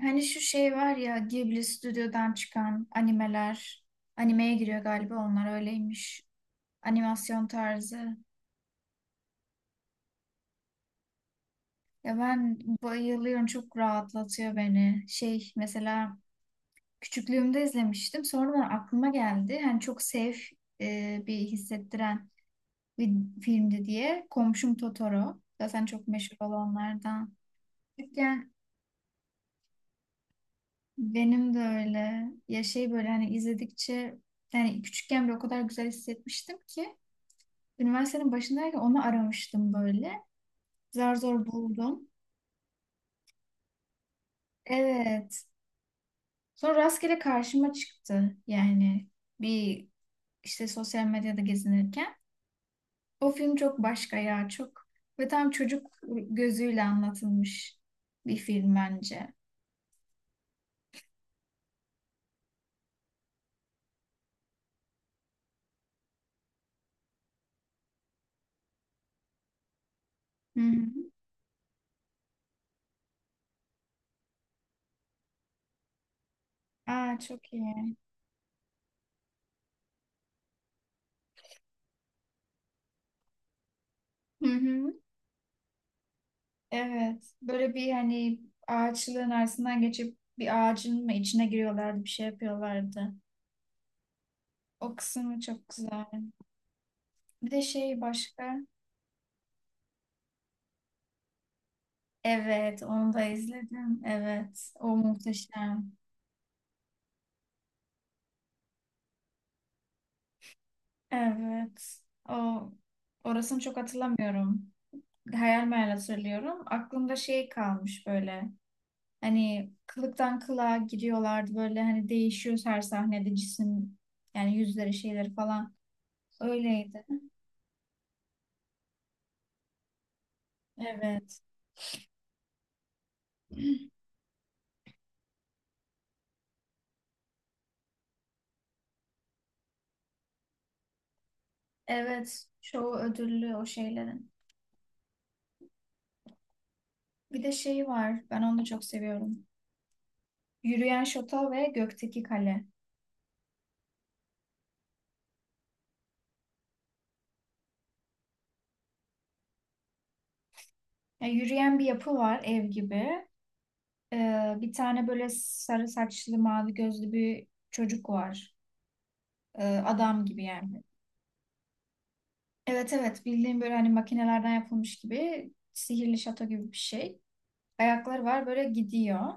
Hani şu şey var ya, Ghibli stüdyodan çıkan animeler. Animeye giriyor galiba, onlar öyleymiş. Animasyon tarzı. Ya ben bayılıyorum, çok rahatlatıyor beni. Şey, mesela küçüklüğümde izlemiştim. Sonra aklıma geldi. Hani çok safe bir hissettiren bir filmdi diye. Komşum Totoro. Zaten çok meşhur olanlardan. Küçükken benim de öyle. Ya şey, böyle hani izledikçe, yani küçükken bile o kadar güzel hissetmiştim ki. Üniversitenin başındayken onu aramıştım böyle. Zar zor buldum. Evet. Sonra rastgele karşıma çıktı. Yani bir işte sosyal medyada gezinirken. O film çok başka ya, çok. Ve tam çocuk gözüyle anlatılmış bir film bence. Hı hı. Aa, çok iyi. Hı hı. Evet. Böyle bir, hani ağaçlığın arasından geçip bir ağacın mı içine giriyorlardı, bir şey yapıyorlardı. O kısmı çok güzel. Bir de şey başka. Evet, onu da izledim. Evet, o muhteşem. Evet, o, orasını çok hatırlamıyorum. Hayal meyal hatırlıyorum. Aklımda şey kalmış böyle. Hani kılıktan kılığa gidiyorlardı böyle, hani değişiyor her sahnede cisim, yani yüzleri şeyleri falan. Öyleydi. Evet. Evet, çoğu ödüllü o şeylerin. Bir de şeyi var, ben onu da çok seviyorum. Yürüyen Şato ve Gökteki Kale. Yani yürüyen bir yapı var, ev gibi. Bir tane böyle sarı saçlı mavi gözlü bir çocuk var. Adam gibi yani. Evet evet, bildiğim böyle hani makinelerden yapılmış gibi, sihirli şato gibi bir şey. Ayakları var, böyle gidiyor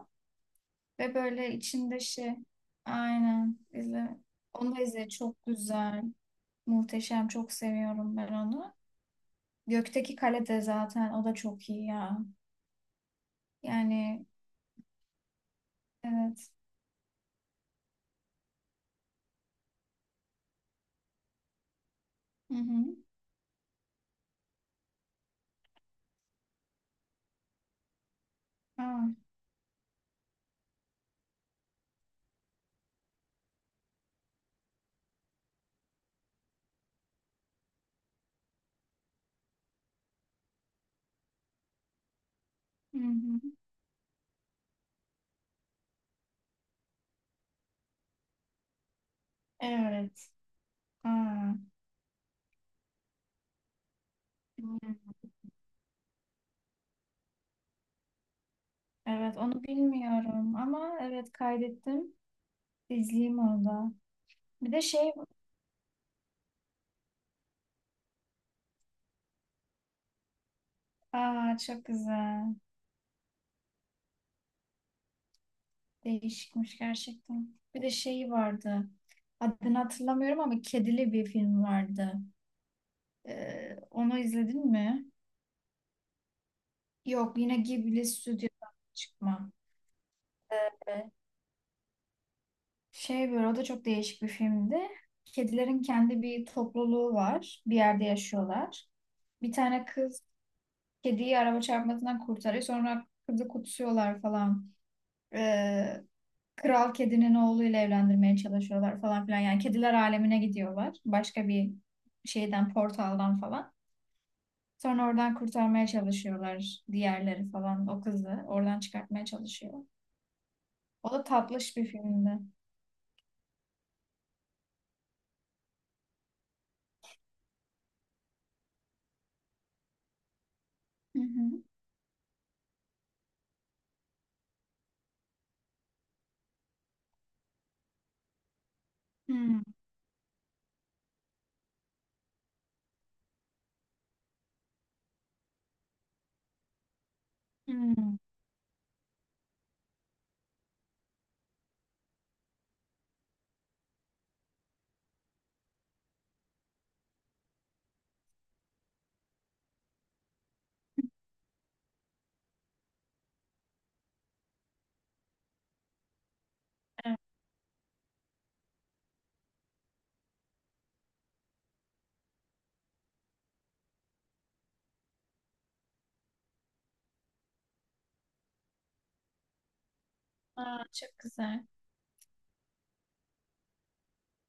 ve böyle içinde şey, aynen, izle. Onu da izle, çok güzel. Muhteşem, çok seviyorum ben onu. Gökteki Kale de, zaten o da çok iyi ya. Yani evet. Hı hı. Aa, hı hı. Evet. Aa. Hı. Evet, onu bilmiyorum ama evet, kaydettim. İzleyeyim onu da. Bir de şey, aa çok güzel. Değişikmiş gerçekten. Bir de şey vardı. Adını hatırlamıyorum ama kedili bir film vardı. Onu izledin mi? Yok, yine Ghibli Stüdyo'dan çıkma. Ee, şey böyle, o da çok değişik bir filmdi. Kedilerin kendi bir topluluğu var. Bir yerde yaşıyorlar. Bir tane kız kediyi araba çarpmasından kurtarıyor. Sonra kızı kutsuyorlar falan. Ee, kral kedinin oğluyla evlendirmeye çalışıyorlar falan filan. Yani kediler alemine gidiyorlar. Başka bir şeyden, portaldan falan. Sonra oradan kurtarmaya çalışıyorlar diğerleri falan. O kızı oradan çıkartmaya çalışıyor. O da tatlış bir filmdi. Hı hı. Hmm. Hmm. Evet. Aa, çok güzel.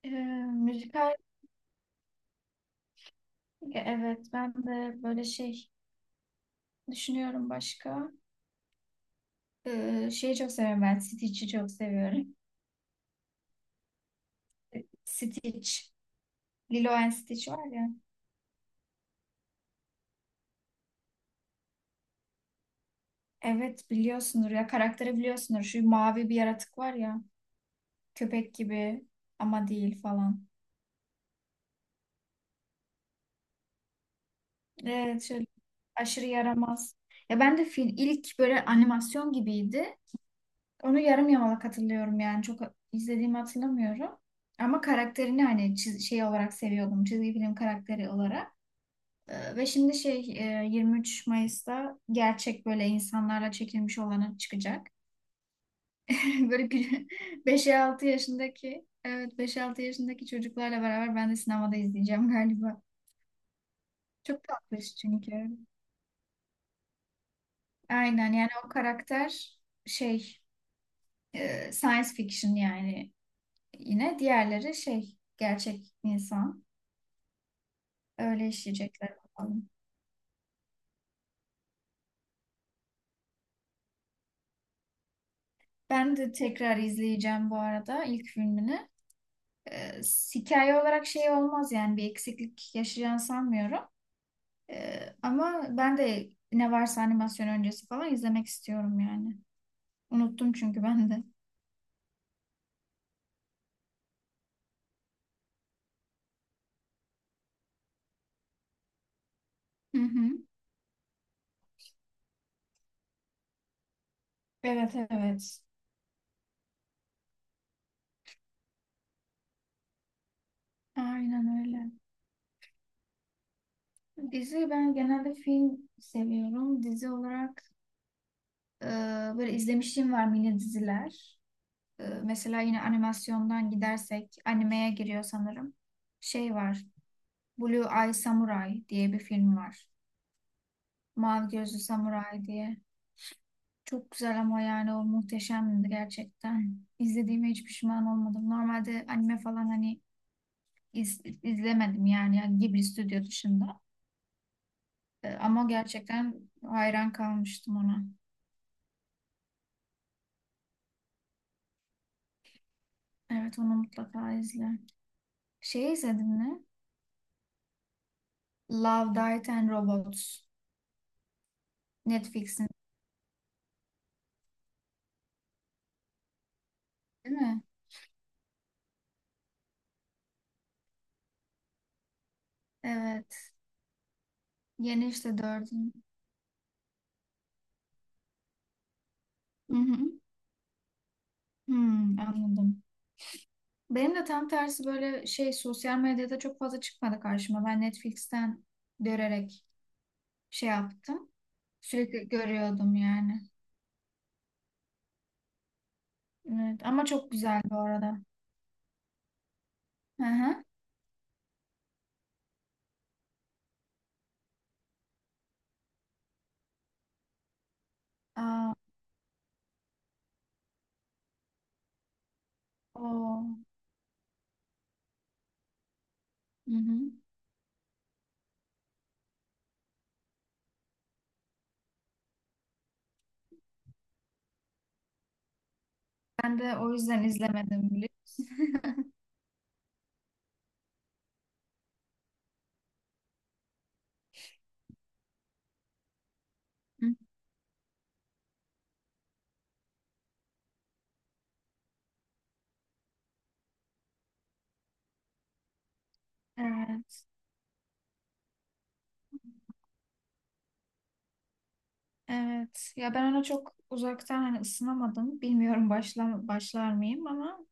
Ee, müzikal, evet ben de böyle şey düşünüyorum başka. Şeyi çok seviyorum ben. Stitch'i çok seviyorum. Stitch. Lilo and Stitch var ya. Evet, biliyorsundur ya. Karakteri biliyorsundur. Şu mavi bir yaratık var ya. Köpek gibi ama değil falan. Evet, şöyle aşırı yaramaz. Ya ben de film ilk böyle animasyon gibiydi. Onu yarım yamalak hatırlıyorum yani. Çok izlediğimi hatırlamıyorum. Ama karakterini hani şey olarak seviyordum. Çizgi film karakteri olarak. Ve şimdi şey, 23 Mayıs'ta gerçek, böyle insanlarla çekilmiş olanı çıkacak. Böyle 5 altı yaşındaki, evet, beş altı yaşındaki çocuklarla beraber ben de sinemada izleyeceğim galiba. Çok tatlı iş çünkü. Aynen yani o karakter, şey, science fiction, yani yine diğerleri şey, gerçek insan. Öyle işleyecekler bakalım. Ben de tekrar izleyeceğim bu arada ilk filmini. E, hikaye olarak şey olmaz, yani bir eksiklik yaşayacağını sanmıyorum. Ama ben de ne varsa animasyon öncesi falan izlemek istiyorum yani. Unuttum çünkü ben de. Hı hı. Evet evet. Aynen öyle. Dizi, ben genelde film seviyorum. Dizi olarak e, böyle izlemişliğim var, mini diziler. Mesela yine animasyondan gidersek animeye giriyor sanırım. Şey var. Blue Eye Samurai diye bir film var. Mavi Gözlü Samurai diye. Çok güzel, ama yani o muhteşemdi gerçekten. İzlediğime hiç pişman olmadım. Normalde anime falan hani izlemedim yani, yani Ghibli stüdyo dışında. Ama gerçekten hayran kalmıştım ona. Evet, onu mutlaka izle. Şey izledin mi? Love, Death and Robots. Netflix'in değil mi? Evet. Yeni işte dördün. Hı hı. Hmm, anladım. Benim de tam tersi, böyle şey sosyal medyada çok fazla çıkmadı karşıma. Ben Netflix'ten görerek şey yaptım. Sürekli görüyordum yani. Evet, ama çok güzel bu arada. Hı hı. Aa, o. Hı hı. Ben de o yüzden izlemedim, biliyor musun? Hı. Evet. Evet. Ya ben ona çok uzaktan hani ısınamadım. Bilmiyorum, başlar mıyım ama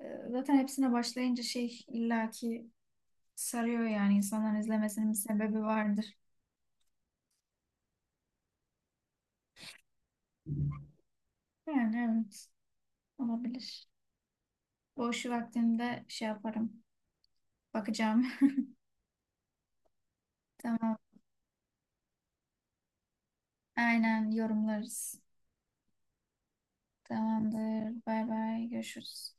e, zaten hepsine başlayınca şey illaki sarıyor, yani insanların izlemesinin bir sebebi vardır. Yani evet, olabilir. Boş vaktimde şey yaparım. Bakacağım. Tamam. Aynen, yorumlarız. Tamamdır. Bay bay. Görüşürüz.